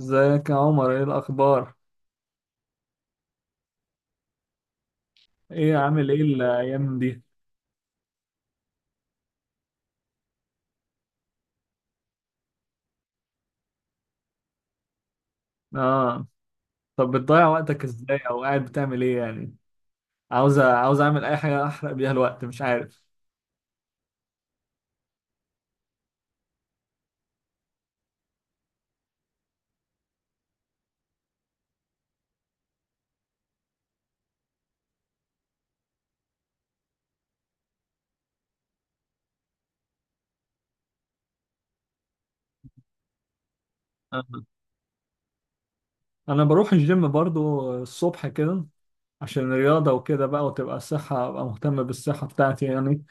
ازيك يا عمر؟ ايه الاخبار؟ ايه عامل ايه الايام دي؟ اه. طب بتضيع وقتك ازاي، او قاعد بتعمل ايه يعني؟ عاوز اعمل اي حاجه احرق بيها الوقت، مش عارف. آه. انا بروح الجيم برضو الصبح كده عشان الرياضه وكده بقى، وتبقى الصحه، ابقى مهتم بالصحه بتاعتي يعني.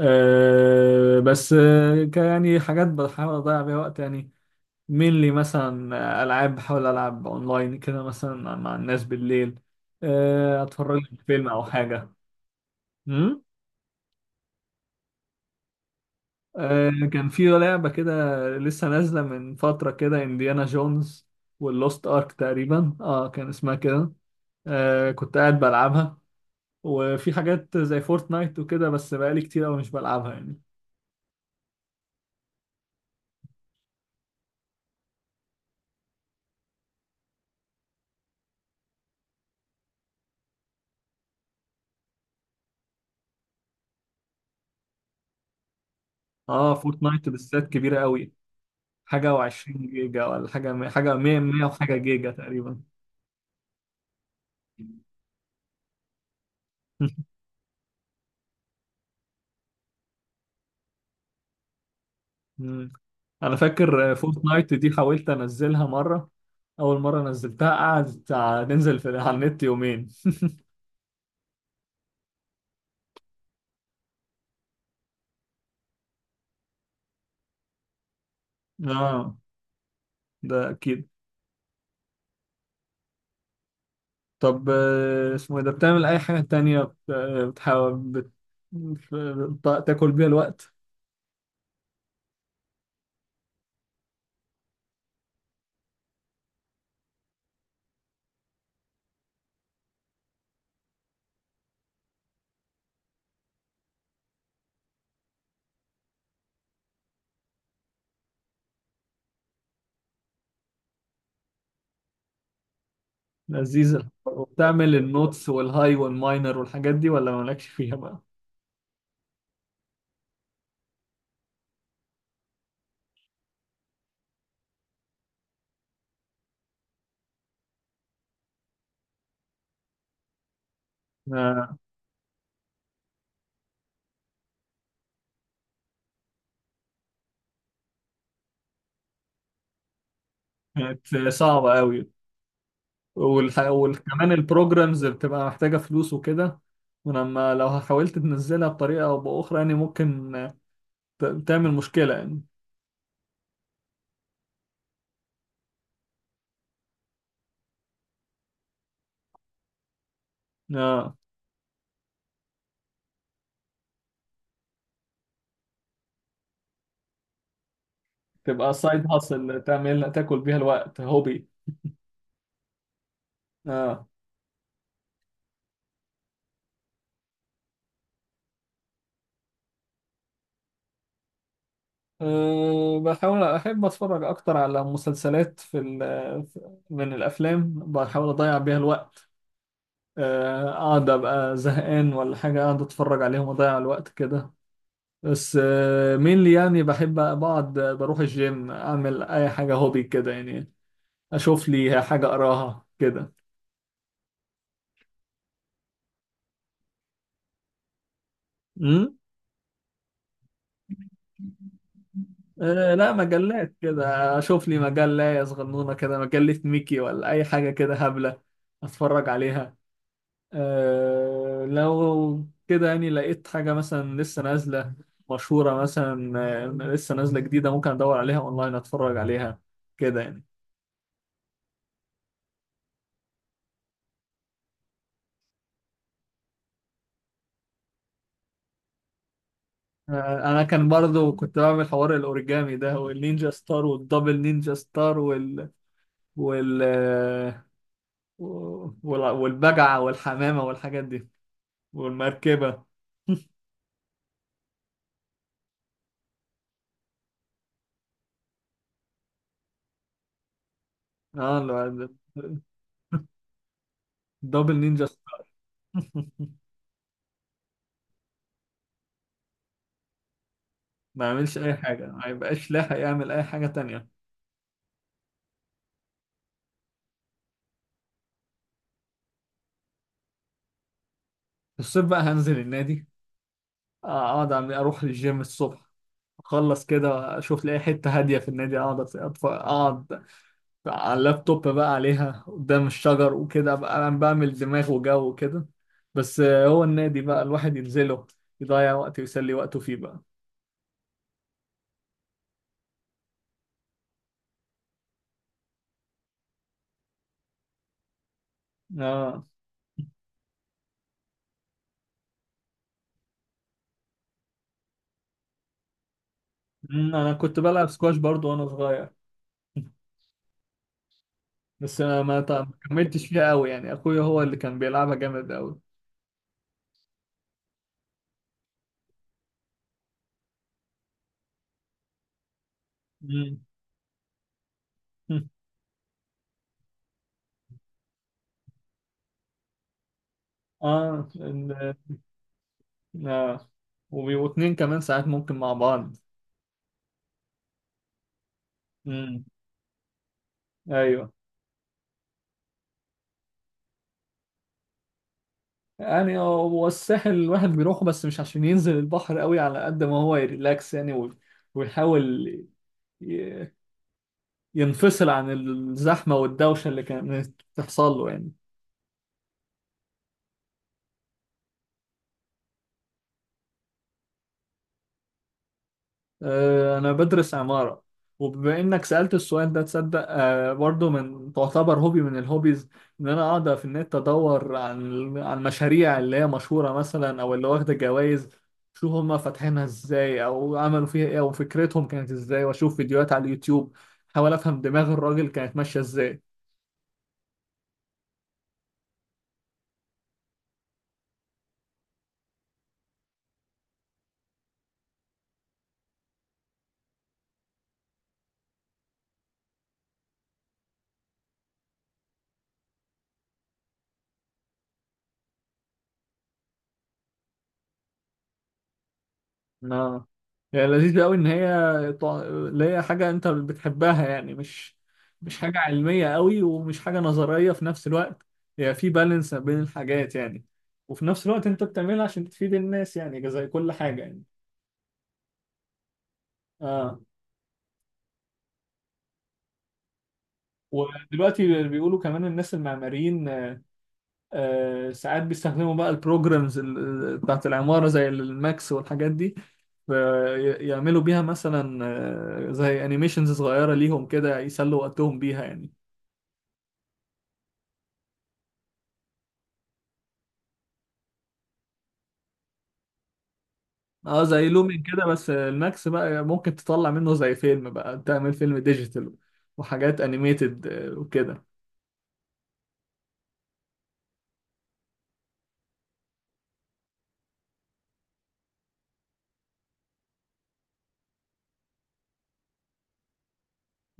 بس يعني حاجات بحاول اضيع بيها وقت يعني. مين مثلا؟ العاب بحاول العب اونلاين كده مثلا مع الناس بالليل. اتفرج لي فيلم او حاجه. امم كان في لعبة كده، لسه نازلة من فترة كده، انديانا جونز واللوست ارك تقريبا، كان اسمها كده. كنت قاعد بلعبها. وفي حاجات زي فورتنايت وكده، بس بقالي كتير قوي مش بلعبها يعني. اه فورتنايت بالذات كبيرة قوي، حاجة وعشرين جيجا ولا حاجة مية مية وحاجة جيجا تقريبا. مم. انا فاكر فورتنايت دي حاولت انزلها مرة، اول مرة نزلتها قعدت ننزل في على النت يومين. اه، ده أكيد. طب اسمه إيه ده، بتعمل أي حاجة تانية بتحاول تاكل بيها الوقت؟ لذيذة. وبتعمل النوتس والهاي والماينر والحاجات دي، ولا مالكش فيها بقى؟ آه، كانت صعبة أوي. وكمان البروجرامز بتبقى محتاجة فلوس وكده. ولما لو حاولت تنزلها بطريقة أو بأخرى، يعني ممكن تعمل مشكلة يعني. آه. تبقى سايد هاسل، تعمل تاكل بيها الوقت، هوبي. اه. بحاول أحب أتفرج أكتر على مسلسلات، من الأفلام بحاول أضيع بيها الوقت. أقعد أبقى زهقان ولا حاجة، أقعد أتفرج عليهم وأضيع الوقت كده. بس مين اللي يعني بحب بقعد بروح الجيم، أعمل أي حاجة هوبي كده يعني. أشوف لي حاجة أقراها كده. أمم أه لا، مجلات كده أشوف لي مجلة صغنونة كده، مجلة ميكي ولا أي حاجة كده هبلة أتفرج عليها. لو كده يعني لقيت حاجة مثلا لسه نازلة، مشهورة مثلا، آه، لسه نازلة جديدة، ممكن أدور عليها أونلاين أتفرج عليها كده يعني. أه. أنا كان برضو كنت بعمل حوار الأوريجامي ده، والنينجا ستار والدبل نينجا ستار وال وال آه، وال- والبجعة والحمامة والحاجات دي والمركبة. اه لو- دبل نينجا ستار. ما يعملش أي حاجة، ما يبقاش لاحق يعمل أي حاجة تانية. في الصيف بقى هنزل النادي، اروح للجيم الصبح، اخلص كده اشوف لي اي حته هاديه في النادي، اقعد اقعد على اللابتوب بقى عليها قدام الشجر وكده، ابقى انا بعمل دماغ وجو كده. بس هو النادي بقى الواحد ينزله يضيع وقت ويسلي وقته فيه بقى. اه. انا كنت بلعب سكواش برضو وانا صغير. بس أنا ما كملتش فيها قوي يعني، اخويا هو اللي كان بيلعبها جامد قوي. أمم. اه ال- اه وبيبقوا اتنين كمان، ساعات ممكن مع بعض. ايوه. يعني هو الساحل الواحد بيروحه، بس مش عشان ينزل البحر قوي على قد ما هو يريلاكس يعني، ويحاول ي- ينفصل عن الزحمة والدوشة اللي كانت بتحصل له يعني. أنا بدرس عمارة. وبما إنك سألت السؤال ده، تصدق برضه من تعتبر هوبي من الهوبيز، إن أنا أقعد في النت أدور عن مشاريع اللي هي مشهورة مثلا أو اللي واخدة جوائز، شوف هما فاتحينها إزاي أو عملوا فيها إيه أو فكرتهم كانت إزاي، وأشوف فيديوهات على اليوتيوب، أحاول أفهم دماغ الراجل كانت ماشية إزاي. اه. يعني لذيذ قوي ان هي اللي هي حاجه انت بتحبها يعني، مش حاجه علميه قوي، ومش حاجه نظريه في نفس الوقت. هي في بالانس بين الحاجات يعني، وفي نفس الوقت انت بتعملها عشان تفيد الناس يعني، زي كل حاجه يعني. اه. ودلوقتي بيقولوا كمان الناس المعماريين آه ساعات بيستخدموا بقى البروجرامز بتاعت العماره زي الماكس والحاجات دي، يعملوا بيها مثلا زي انيميشنز صغيرة ليهم كده، يسلوا وقتهم بيها يعني. اه زي لومين كده، بس الماكس بقى ممكن تطلع منه زي فيلم بقى، تعمل فيلم ديجيتال وحاجات انيميتد وكده.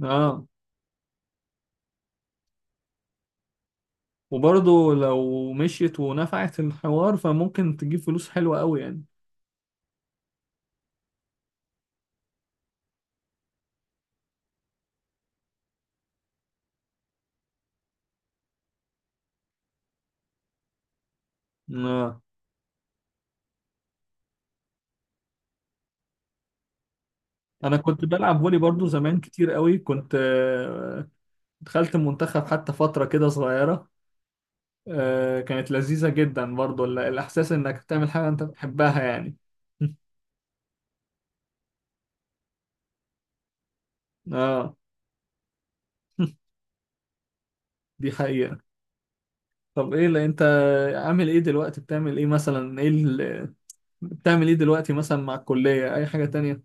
اه. وبرضه لو مشيت ونفعت الحوار فممكن تجيب فلوس حلوة قوي يعني. اه انا كنت بلعب فولي برضه زمان كتير قوي، كنت آه، دخلت المنتخب حتى فترة كده صغيرة. كانت لذيذة جدا برضه الاحساس انك بتعمل حاجة انت بتحبها يعني. اه. دي حقيقة. طب ايه اللي انت عامل ايه دلوقتي؟ بتعمل ايه مثلا؟ ايه اللي بتعمل ايه دلوقتي مثلا، مع الكلية اي حاجة تانية؟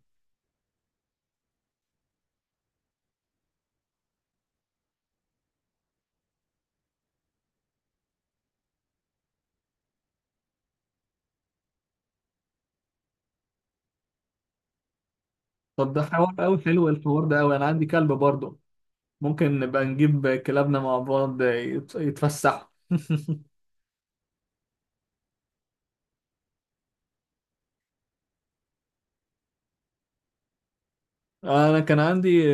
طب ده حوار قوي حلو، الحوار ده قوي، انا عندي كلب برضه، ممكن نبقى نجيب كلابنا مع بعض يتفسحوا. انا كان عندي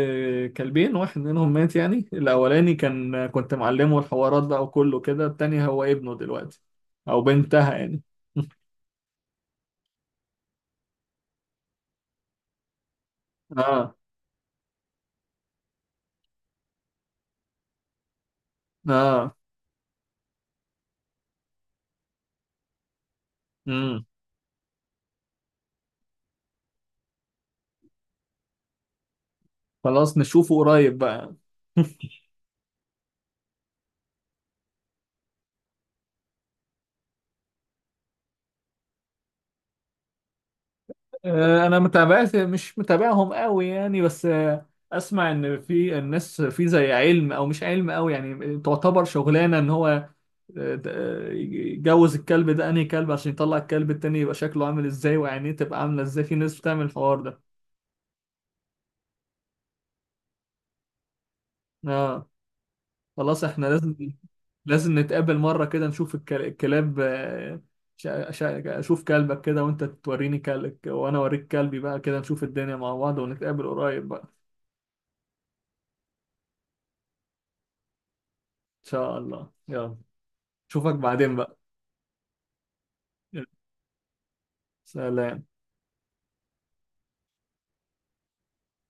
كلبين، واحد منهم مات يعني، الاولاني كان كنت معلمه الحوارات بقى وكله كده، التاني هو ابنه دلوقتي او بنتها يعني. اه. اه. امم. خلاص نشوفه قريب بقى. انا متابعت مش متابعهم قوي يعني، بس اسمع ان في الناس في زي علم او مش علم قوي يعني، تعتبر شغلانه ان هو يجوز الكلب ده انهي كلب عشان يطلع الكلب التاني يبقى شكله عامل ازاي وعينيه تبقى عامله ازاي، في ناس بتعمل الحوار ده. اه. خلاص احنا لازم، لازم نتقابل مره كده، نشوف الكلاب، اشوف كلبك كده، وانت توريني كلبك وانا اوريك كلبي بقى كده، نشوف الدنيا مع بعض، ونتقابل قريب بقى. ان شاء الله. يلا اشوفك بعدين بقى. سلام.